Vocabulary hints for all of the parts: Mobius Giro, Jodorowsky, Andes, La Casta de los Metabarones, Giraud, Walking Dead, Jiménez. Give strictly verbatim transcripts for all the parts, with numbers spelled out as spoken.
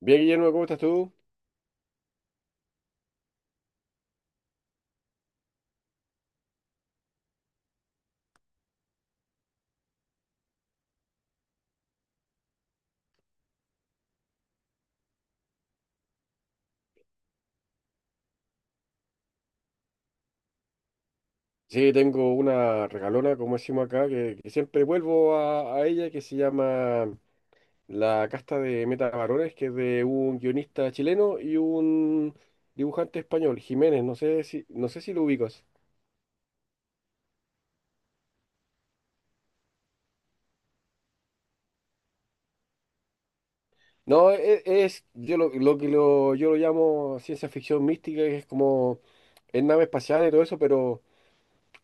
Bien, Guillermo, ¿cómo estás tú? Sí, tengo una regalona, como decimos acá, que, que siempre vuelvo a, a ella, que se llama La Casta de Meta Varones, que es de un guionista chileno y un dibujante español, Jiménez. No sé si, no sé si lo ubicas. No, e- es, yo lo, lo que lo, yo lo llamo ciencia ficción mística, que es como, es nave espacial y todo eso, pero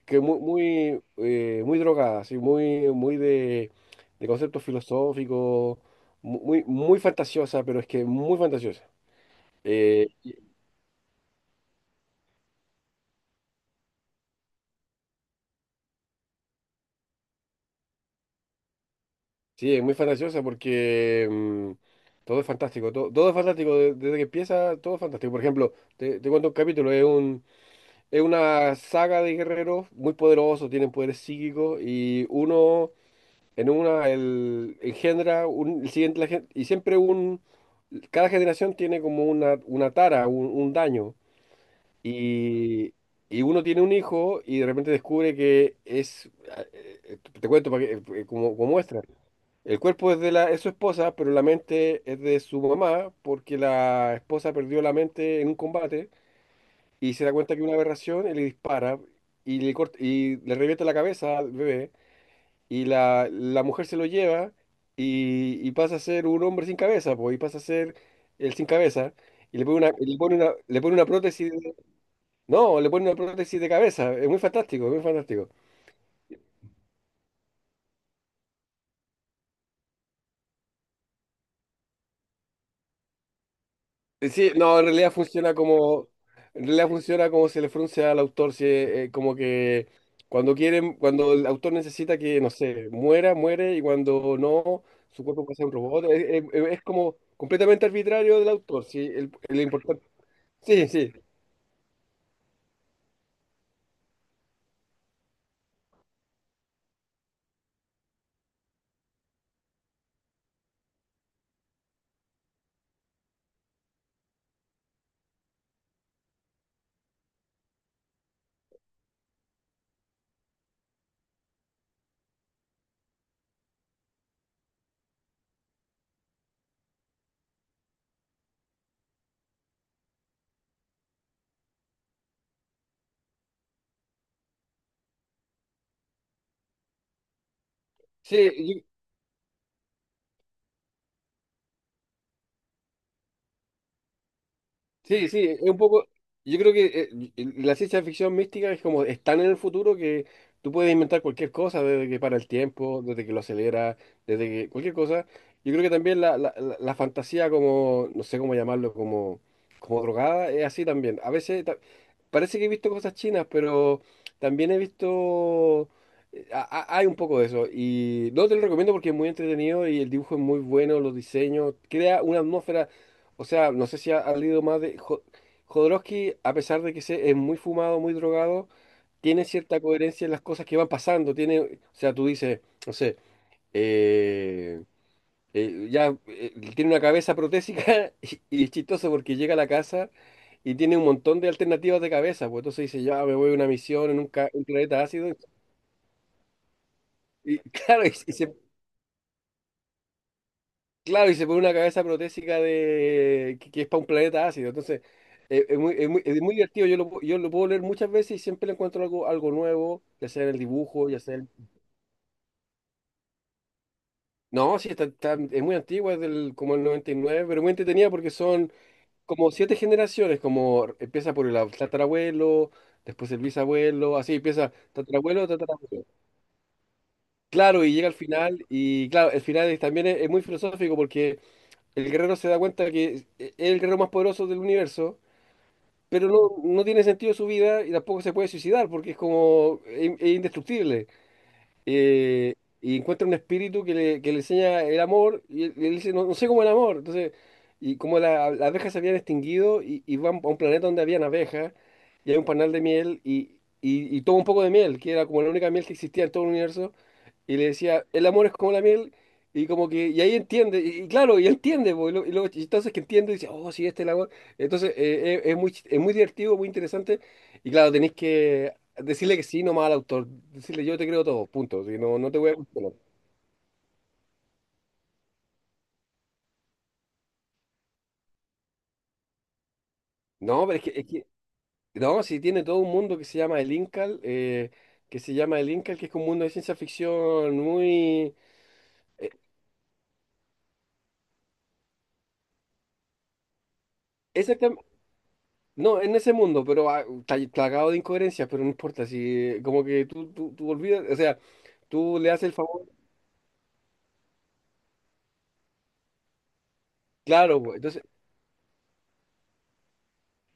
que muy, muy, eh, muy drogada, así, muy, muy de, de conceptos filosóficos, mu- muy, muy fantasiosa, pero es que muy fantasiosa. Eh, y- sí, es muy fantasiosa porque mm, todo es fantástico, to- todo es fantástico, de- desde que empieza todo es fantástico. Por ejemplo, te, te cuento un capítulo, es un, es una saga de guerreros muy poderosos, tienen poderes psíquicos y uno. En una, el, engendra un, el siguiente, la gen- y siempre un, cada generación tiene como una, una tara, un, un daño, y, y uno tiene un hijo y de repente descubre que es, eh, te cuento para que, eh, eh, como, como muestra, el cuerpo es de la, es su esposa, pero la mente es de su mamá, porque la esposa perdió la mente en un combate y se da cuenta que es una aberración y le dispara y le corta, y le revienta la cabeza al bebé y la, la mujer se lo lleva y, y pasa a ser un hombre sin cabeza, pues, y pasa a ser el sin cabeza, y le pone una, y le pone una, le pone una prótesis. De- no, le pone una prótesis de cabeza, es muy fantástico, es muy fantástico. Eh, Sí, no, en realidad funciona como, en realidad funciona como, se le frunce al autor, si, eh, como que cuando quieren, cuando el autor necesita que, no sé, muera, muere, y cuando no, su cuerpo pasa a un robot, es, es- es como completamente arbitrario del autor, sí, el, el importante. Sí, sí, Sí, yo- sí, sí, es un poco, yo creo que eh, y- y la ciencia ficción mística es como, es tan en el futuro que tú puedes inventar cualquier cosa, desde que para el tiempo, desde que lo acelera, desde que cualquier cosa. Yo creo que también la, la, la- la fantasía como, no sé cómo llamarlo, como, como drogada, es así también. A veces ta- parece que he visto cosas chinas, pero también he visto, eh, a- a- hay un poco de eso. Y no te lo recomiendo porque es muy entretenido y el dibujo es muy bueno, los diseños, crea una atmósfera. O sea, no sé si ha, ha leído más de. Jo- Jodorowsky, a pesar de que se- es muy fumado, muy drogado, tiene cierta coherencia en las cosas que van pasando. Tiene, o sea, tú dices, no sé, eh, eh, ya, eh, tiene una cabeza protésica y, y es chistoso porque llega a la casa y tiene un montón de alternativas de cabeza. Pues entonces dice, ya me voy a una misión en un, ca- un planeta ácido. Y claro, y, Claro, y se pone una cabeza protésica de que, que es para un planeta ácido. Entonces, eh, es muy, es muy, es muy divertido. Yo lo, pu- yo lo puedo leer muchas veces y siempre le encuentro algo, algo, nuevo, ya sea en el dibujo, ya sea en. No, sí, está, está- es muy antigua, es del, como el noventa y nueve, pero muy entretenida porque son como siete generaciones, como empieza por el tatarabuelo, después el bisabuelo, así empieza tatarabuelo, tatarabuelo. Claro, y llega al final, y claro, el final es- también es es muy filosófico porque el guerrero se da cuenta que es es el guerrero más poderoso del universo, pero no, no tiene sentido su vida y tampoco se puede suicidar porque es como es, es indestructible, eh, y encuentra un espíritu que le, que le enseña el amor, y él, y él dice, no, no sé cómo el amor. Entonces, y como la- las abejas se habían extinguido, y, y van a un planeta donde habían abejas, y hay un panal de miel, y, y, y toma un poco de miel, que era como la única miel que existía en todo el universo, y le decía, el amor es como la miel, y como que, y ahí entiende, y, y claro, y entiende, po, y, lo- y luego entonces que entiende, dice, oh, sí, este es el amor. Entonces, eh, es, es muy, chis- es muy divertido, muy interesante, y claro, tenéis que Decirle que sí nomás al autor, decirle yo te creo todo, punto, si no, no te voy a cuestionar. No, pero es que, es que-, no, si tiene todo un mundo que se llama el Incal, eh, que se llama el Incal, que es como un mundo de ciencia ficción muy. eh, exactam- no, en ese mundo, pero ah, está plagado de incoherencias, pero no importa, si eh, como que tú, tú, tú olvidas, o sea, tú le haces el favor, claro, pues, entonces,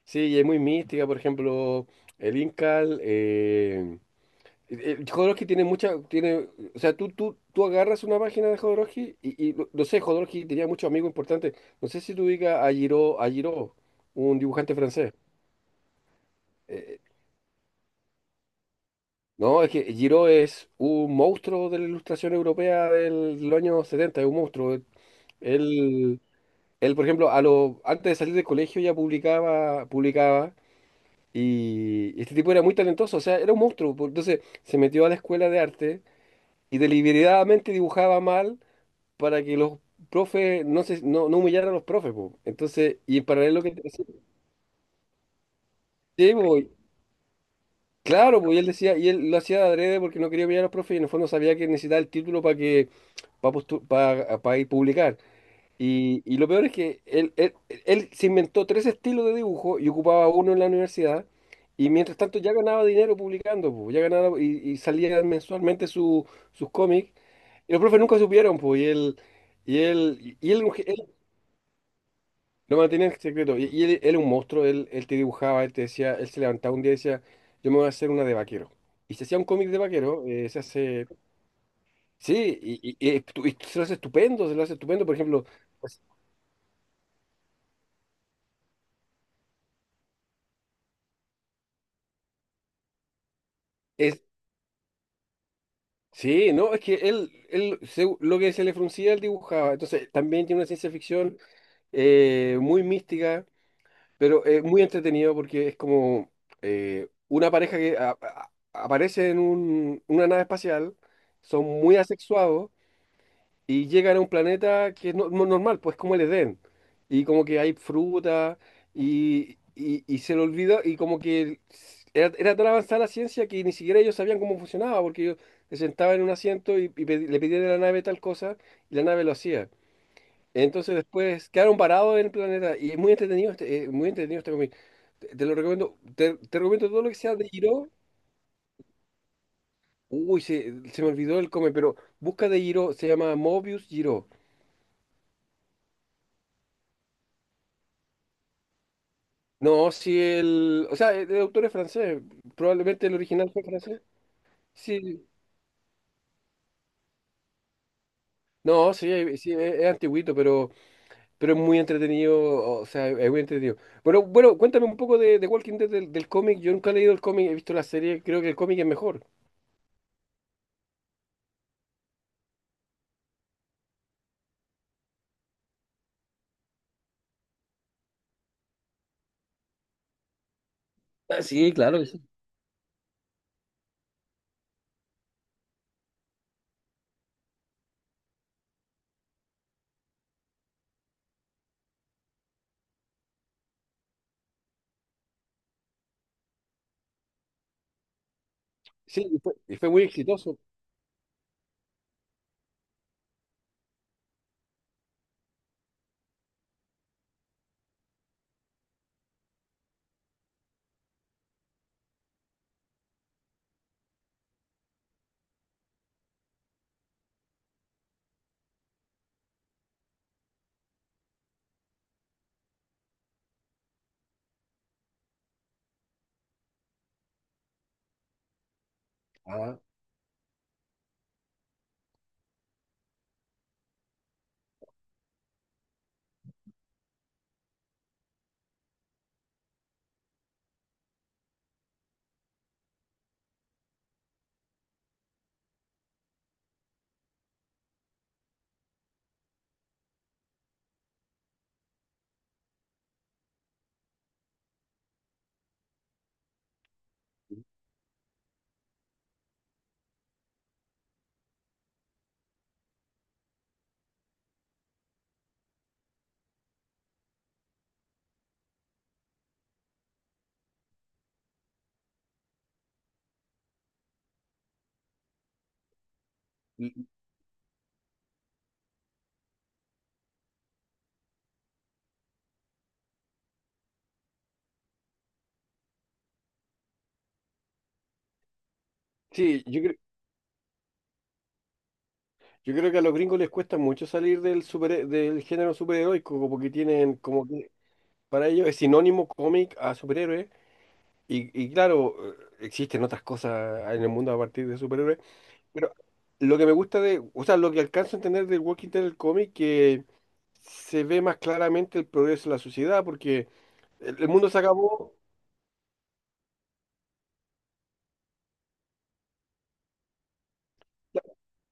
sí, y es muy mística, por ejemplo, el Incal. eh, Eh, eh, Jodorowsky tiene mucha, tiene, o sea, tú, tú, tú agarras una página de Jodorowsky y, y no, no sé, Jodorowsky tenía muchos amigos importantes. No sé si tú digas a Giraud, a Giraud, un dibujante francés. Eh, no, es que Giraud es un monstruo de la ilustración europea del, del año setenta, es un monstruo. Él, él, por ejemplo, a lo, antes de salir del colegio ya publicaba, publicaba, y este tipo era muy talentoso, o sea, era un monstruo. Entonces se metió a la escuela de arte y deliberadamente dibujaba mal para que los profes no se no, no humillaran a los profes, po. Entonces, y en paralelo que sí, po, y- claro, pues él decía, y él lo hacía de adrede porque no quería humillar a los profes y en el fondo sabía que necesitaba el título para que, para para, ir publicar. Y, y lo peor es que él, él, él se inventó tres estilos de dibujo y ocupaba uno en la universidad. Y mientras tanto ya ganaba dinero publicando, po, ya ganaba y, y salía mensualmente su, sus cómics. Y los profes nunca supieron, pues, y él, y él, y él, Lo mantenía en secreto. Y, y él, él un monstruo, él, él te dibujaba, él te decía, él se levantaba un día y decía, yo me voy a hacer una de vaquero. Y se hacía un cómic de vaquero. Eh, se hace, sí, y, y- y estu- y se lo hace estupendo, se lo hace estupendo, por ejemplo, pues, es, sí, no, es que él, él se- lo que se le fruncía, él dibujaba. Entonces, también tiene una ciencia ficción eh, muy mística, pero eh, muy entretenido porque es como eh, una pareja que a- a- aparece en un- una nave espacial, son muy asexuados y llegan a un planeta que es no- no- normal, pues como el Edén. Y como que hay fruta y, y- y se le olvida y como que era, era tan avanzada la ciencia que ni siquiera ellos sabían cómo funcionaba, porque yo se sentaba en un asiento y, y pedi- le pedían a la nave tal cosa y la nave lo hacía. Entonces después quedaron parados en el planeta y es muy entretenido este, eh, muy entretenido este cómic. Te, te lo recomiendo, te, te recomiendo todo lo que sea de Giro. Uy, se, se me olvidó el cómic, pero busca de Giro, se llama Mobius Giro. No, si el. O sea, el, el autor es francés. Probablemente el original fue francés. Sí. No, sí, eh, sí, es, es antiguito, pero, pero, es muy entretenido. O sea, es muy entretenido. Bueno, bueno, cuéntame un poco de, de Walking Dead del, del cómic. Yo nunca he leído el cómic, he visto la serie, creo que el cómic es mejor. Ah, sí, claro que sí. Sí, y fue, y fue muy exitoso. Ah. Y- Sí, yo creo, yo creo que a los gringos les cuesta mucho salir del super, del género superheroico, como que tienen, como que para ellos es sinónimo cómic a superhéroe. Y, y claro, eh, existen otras cosas en el mundo a partir de superhéroes, pero lo que me gusta de, o sea, lo que alcanzo a entender del Walking Dead del cómic, que se ve más claramente el progreso de la sociedad, porque el, el mundo se acabó.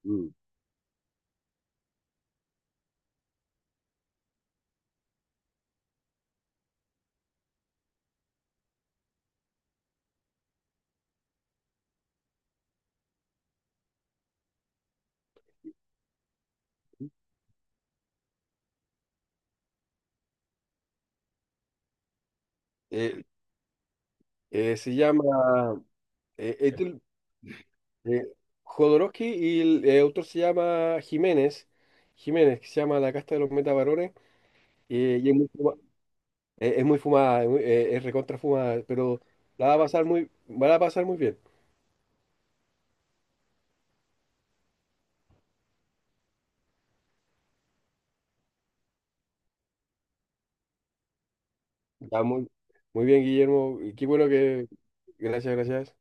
Mm. eh, eh, se llama eh, Etel- eh, Jodorowsky y el eh, autor se llama Jiménez, Jiménez, que se llama La Casta de los Metabarones, eh, y es muy, fuma- eh, es muy fumada, es, muy- eh, es recontra fumada, pero la va a pasar muy, van a pasar muy bien. Ya, muy, muy bien, Guillermo. Y qué bueno que. Gracias, gracias.